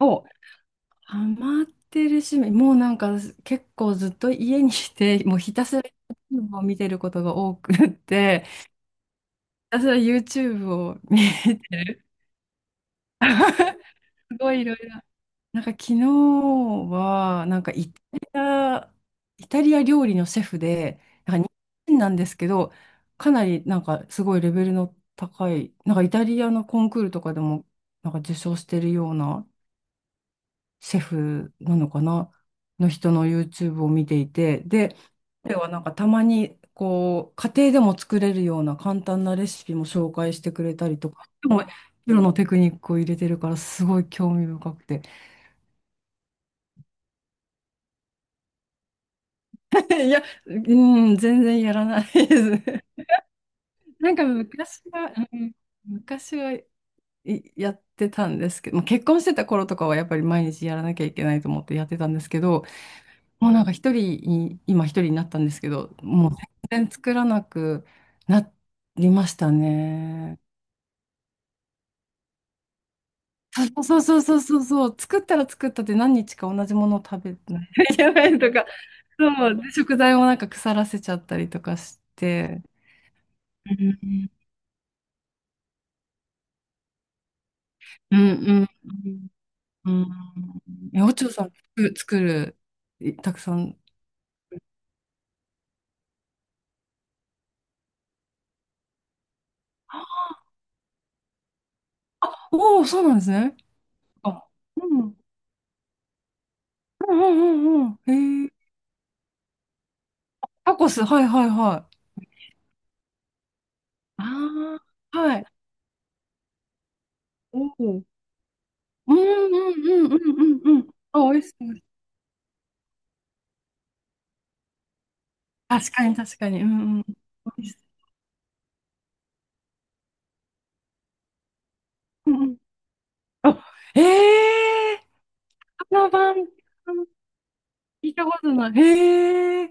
お、ハマってる趣味、もうなんか結構ずっと家にいて、もうひたすら YouTube を見てることが多くって、ひたすら YouTube を見てる。すごいいろいろ。なんか昨日は、イタリア料理のシェフで、なんか日本人なんですけど、かなりなんかすごいレベルの高い、なんかイタリアのコンクールとかでもなんか受賞してるようなシェフなのかなの人の YouTube を見ていて、で、彼はなんかたまにこう、家庭でも作れるような簡単なレシピも紹介してくれたりとか、でも、プロのテクニックを入れてるからすごい興味深くて。いや、うん、全然やらないです。なんか昔は、昔はいやってたんですけど、まあ結婚してた頃とかはやっぱり毎日やらなきゃいけないと思ってやってたんですけど、もうなんか一人に、今一人になったんですけど、もう全然作らなくなりましたね。そうそうそうそうそうそう、作ったら作ったって何日か同じものを食べないといけないとか、そう、で食材もなんか腐らせちゃったりとかして。うんうんうん。うんえ、おちょさん、作作る、いたくさん。あおお、そうなんですね。あ、うん。うんうんうんうん。へえ。タコス、はいはいはい。ああ、はい。おお。うんうんうんうんうんうん。あ、美味しそう。確かに確かに。うんうん。美味しそう。うんうん。あ、ええー、花晩、聞いたことない。へえ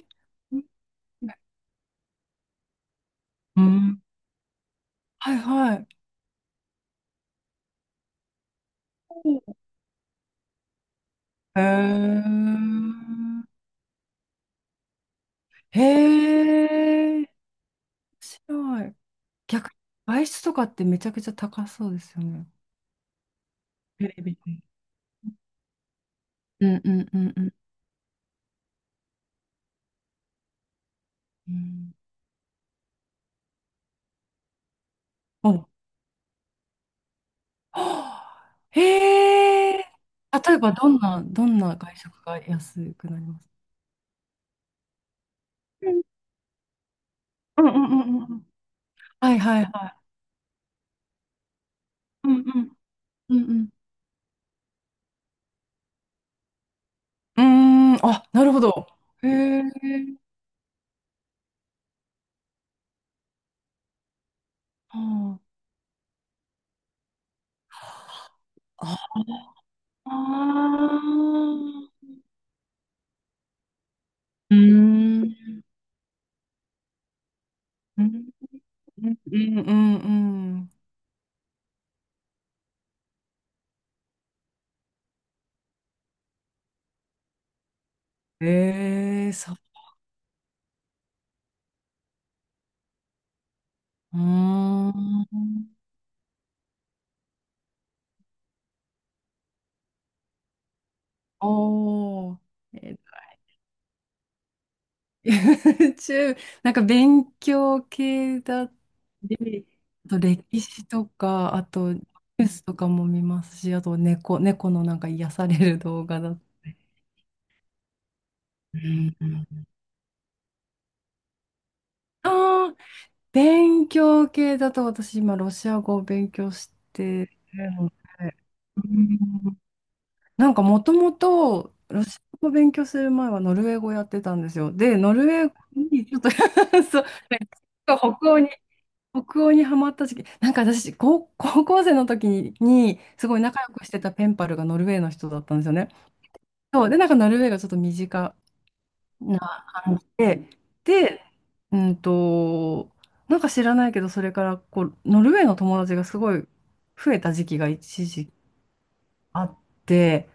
ー。うん。はいはい。おうへえ。へえ。面白い。逆に、外出とかってめちゃくちゃ高そうですよね。テレビ。うんうんうんうん。うん。お、はあへえ。例えば、どんな、どんな外食が安くなりますうんうんうんうんうんはいはいはい。うんうんうんうん。うーん、あ、なるほど。へえ。はあああ。うーん。うんうんうんうんうん。ええ、そう。うーん。おー。え YouTube、なんか勉強系だって、あと歴史とか、あとニュースとかも見ますし、あと猫、猫のなんか癒される動画だったり。うんうんあー勉強系だと私今ロシア語を勉強してるので、うんなんかもともとロシア語を勉強する前はノルウェー語やってたんですよ。で、ノルウェー語にちょっと そう、北欧に北欧にハマった時期、なんか私、高校生の時に、にすごい仲良くしてたペンパルがノルウェーの人だったんですよね。そう、で、なんかノルウェーがちょっと身近な感じで、で、うんと、なんか知らないけど、それからこう、ノルウェーの友達がすごい増えた時期が一時期あって、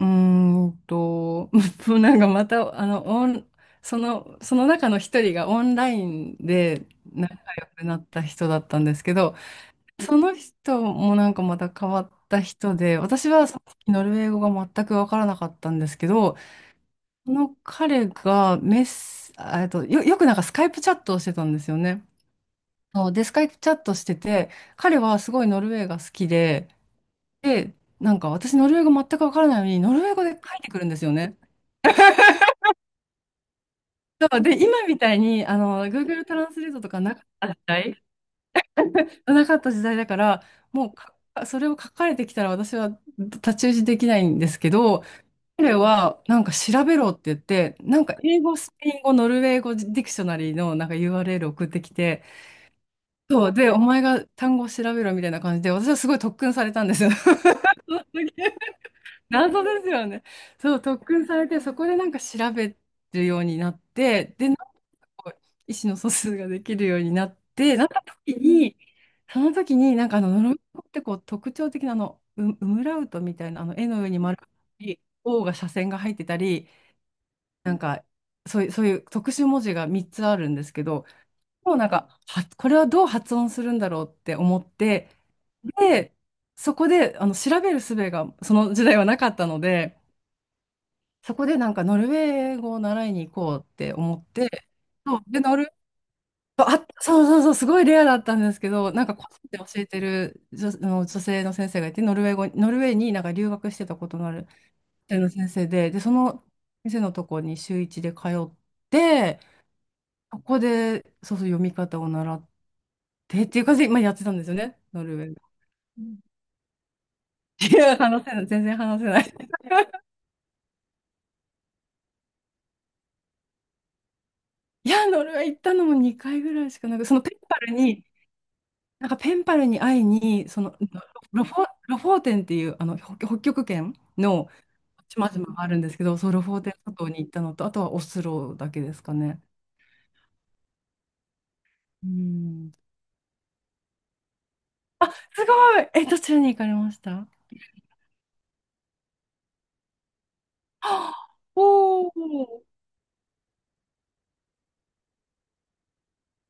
うーんと、なんかまた、あの、オン、その、その中の一人がオンラインで仲良くなった人だったんですけど、その人もなんかまた変わった人で、私はさっきノルウェー語が全く分からなかったんですけど、その彼がメッセ、あえっと、よ、よくなんかスカイプチャットをしてたんですよね。そうで、スカイプチャットしてて、彼はすごいノルウェーが好きで、で、なんか私ノルウェー語全く分からないのに、ノルウェー語で書いてくるんですよね。そうで、今みたいに、Google トランスレートとかなかった時代、なかった時代だから、もうかそれを書かれてきたら私は太刀打ちできないんですけど、彼は、なんか調べろって言って、なんか英語、スペイン語、ノルウェー語ディクショナリーのなんか URL 送ってきて、そう、で、お前が単語を調べろみたいな感じで、私はすごい特訓されたんですよ。そうすげえ謎ですよね。そう、特訓されて、そこでなんか調べるようになって、で、なんかこう意思の疎通ができるようになって、なった時に、その時に、ノルウェー語ってこう特徴的なあの、ウムラウトみたいな、あの、絵の上に丸があったり、O が斜線が入ってたり、なんか、そういう特殊文字が3つあるんですけど、もうなんか、は、これはどう発音するんだろうって思って、で、そこで、あの、調べる術がその時代はなかったので、そこでなんかノルウェー語を習いに行こうって思って、そう、で、あ、そうそうそう、すごいレアだったんですけど、なんか個人で教えてるの女性の先生がいて、ノルウェーになんか留学してたことのある女性の先生で、で、その先生のとこに週一で通って、ここで、そうそう、読み方を習ってっていう感じで、今やってたんですよね、ノルウェーで。うんいや、話せない、全然話せない。いや、ノルウェー行ったのも2回ぐらいしかなく、そのペンパルに、なんかペンパルに会いに、そのロフォーテンっていうあの北北極圏の島々があるんですけど、そう、ロフォーテン諸島に行ったのと、あとはオスロだけですかね。うん。すごい。え、どちらに行かれましたはあ おお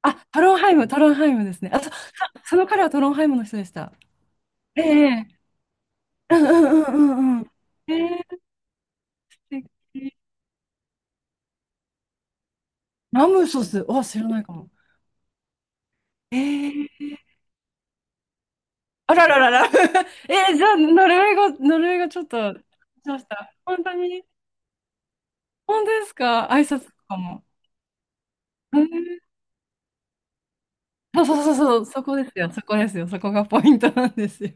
トロンハイムですね。その彼はトロンハイムの人でした。ええうんうんうんうんうん。ええ素敵ラムソス、あ、知らないかも。ええあらららら。えー、じゃあ、ノルウェー語ちょっと、しました。本当に本当ですか挨拶とかも。えーそうそうそうそう、そこですよ、そこがポイントなんですよ。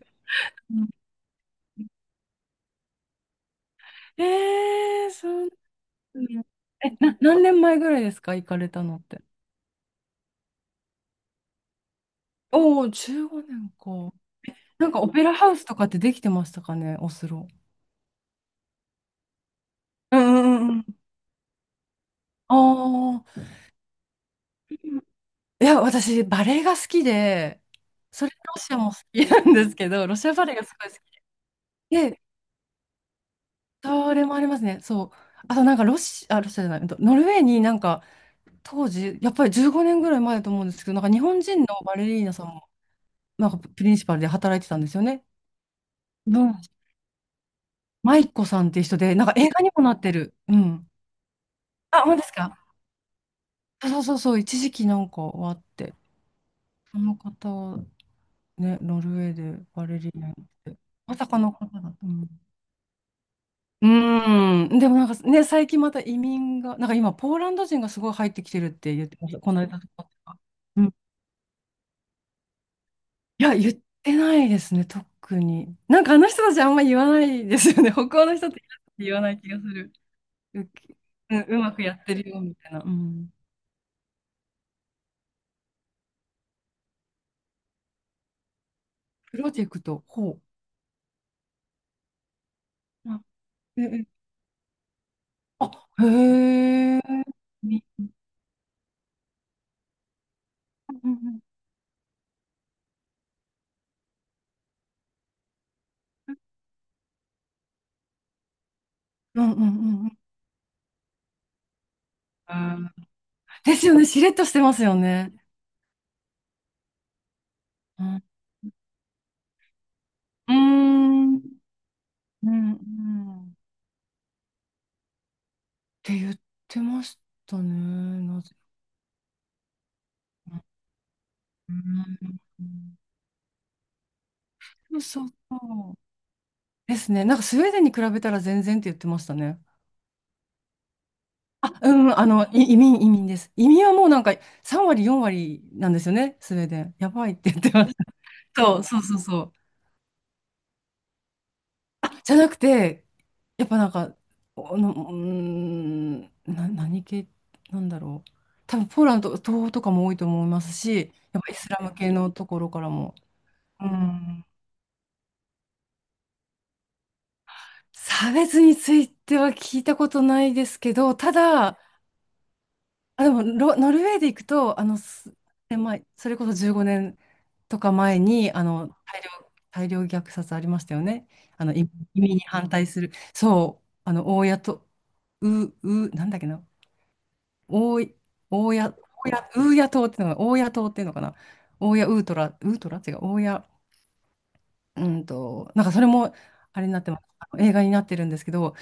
うんえー、そうなんだ何年前ぐらいですか行かれたのって。おお、15年か。なんかオペラハウスとかってできてましたかね、オスロ。うんうんうんうん。ああ。いや、私、バレエが好きで、それ、ロシアも好きなんですけど、ロシアバレエがすごい好きで、それもありますね、そう。あと、なんか、ロシア、あ、ロシアじゃない、うんとノルウェーになんか、当時、やっぱり15年ぐらい前だと思うんですけど、なんか、日本人のバレリーナさんも、なんか、プリンシパルで働いてたんですよね。うん。マイコさんっていう人で、なんか、映画にもなってる。うん。あ、本当ですかそうそうそう、一時期なんかはあって、その方、ね、ノルウェーでバレリーナって、まさかの方だった。うんうーん、でもなんかね、最近また移民が、なんか今、ポーランド人がすごい入ってきてるって言ってました、この間とか。うん、いや、言ってないですね、特に。なんかあの人たちあんま言わないですよね、北欧の人って言わない気がする。ううん、うまくやってるよみたいな。うん、プロジェクト、ほう。あ、ええ、あ、へえ。うんうんうんうんうんうん、ですよね。しれっとしてますよね。うん。うーん、うんうんって言ってましたね。なぜか。うんうん、そうそうですね。なんかスウェーデンに比べたら全然って言ってましたね。あ、うん、あの、い移民、移民です。移民はもうなんか3割、4割なんですよね、スウェーデン。やばいって言ってました。そう、そうそうそう。あ、じゃなくて、やっぱなんか、うーん、何系なんだろう。多分ポーランド、東欧とかも多いと思いますし、やっぱイスラム系のところからも。うん。差別については聞いたことないですけど、ただ、あ、でもノルウェーで行くと、で、まあ、それこそ15年とか前に、あの、大量虐殺ありましたよね。あの、移民に反対する。そう、あの、大家と、う、なんだっけな、大い、大谷、大谷、ウーヤ島っていうのが、大谷島っていうのかな。大谷ウートラ、ウートラ違う、大谷、なんかそれも、あれになってます。あの映画になってるんですけど、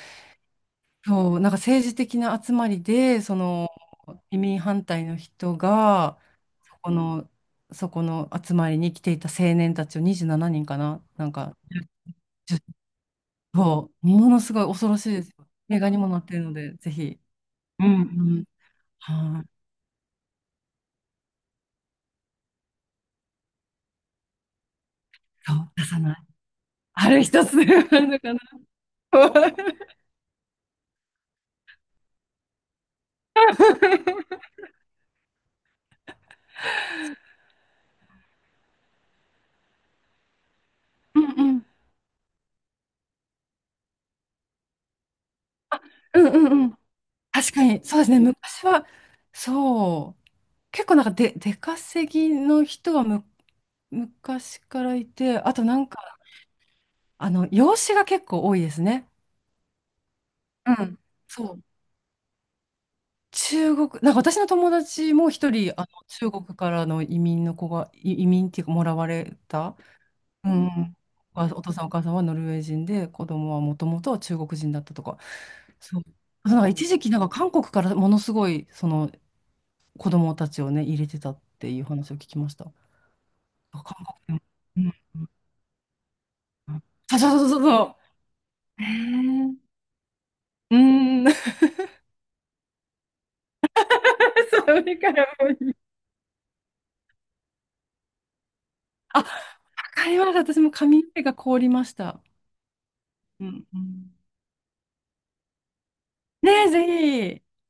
そう、なんか政治的な集まりで、その、移民反対の人が、そこの、そこの集まりに来ていた青年たちを27人かな、なんか、ちょそう、ものすごい恐ろしいですよ。映画にもなってるので、ぜひ。うんうん。はい、そう、出さない。ある一つ。なかなか、うんうんうんうんうん、確かに、そうですね。昔は、そう。結構なんかで、出稼ぎの人は、昔からいて、あとなんか、あの、養子が結構多いですね。うん。そう。中国、なんか私の友達も一人、あの、中国からの移民の子が、移民っていうか、もらわれた、うん。お父さんお母さんはノルウェー人で、子供はもともとは中国人だったとか。そう。なんか一時期、なんか韓国からものすごい、その子供たちをね、入れてたっていう話を聞きました。あ、韓国でも。うん。そうそうそうそうそう。へえ。うん。それからもういい。あ、わかりました。私も髪の毛が凍りました。うんうん。ねえ、ぜひ。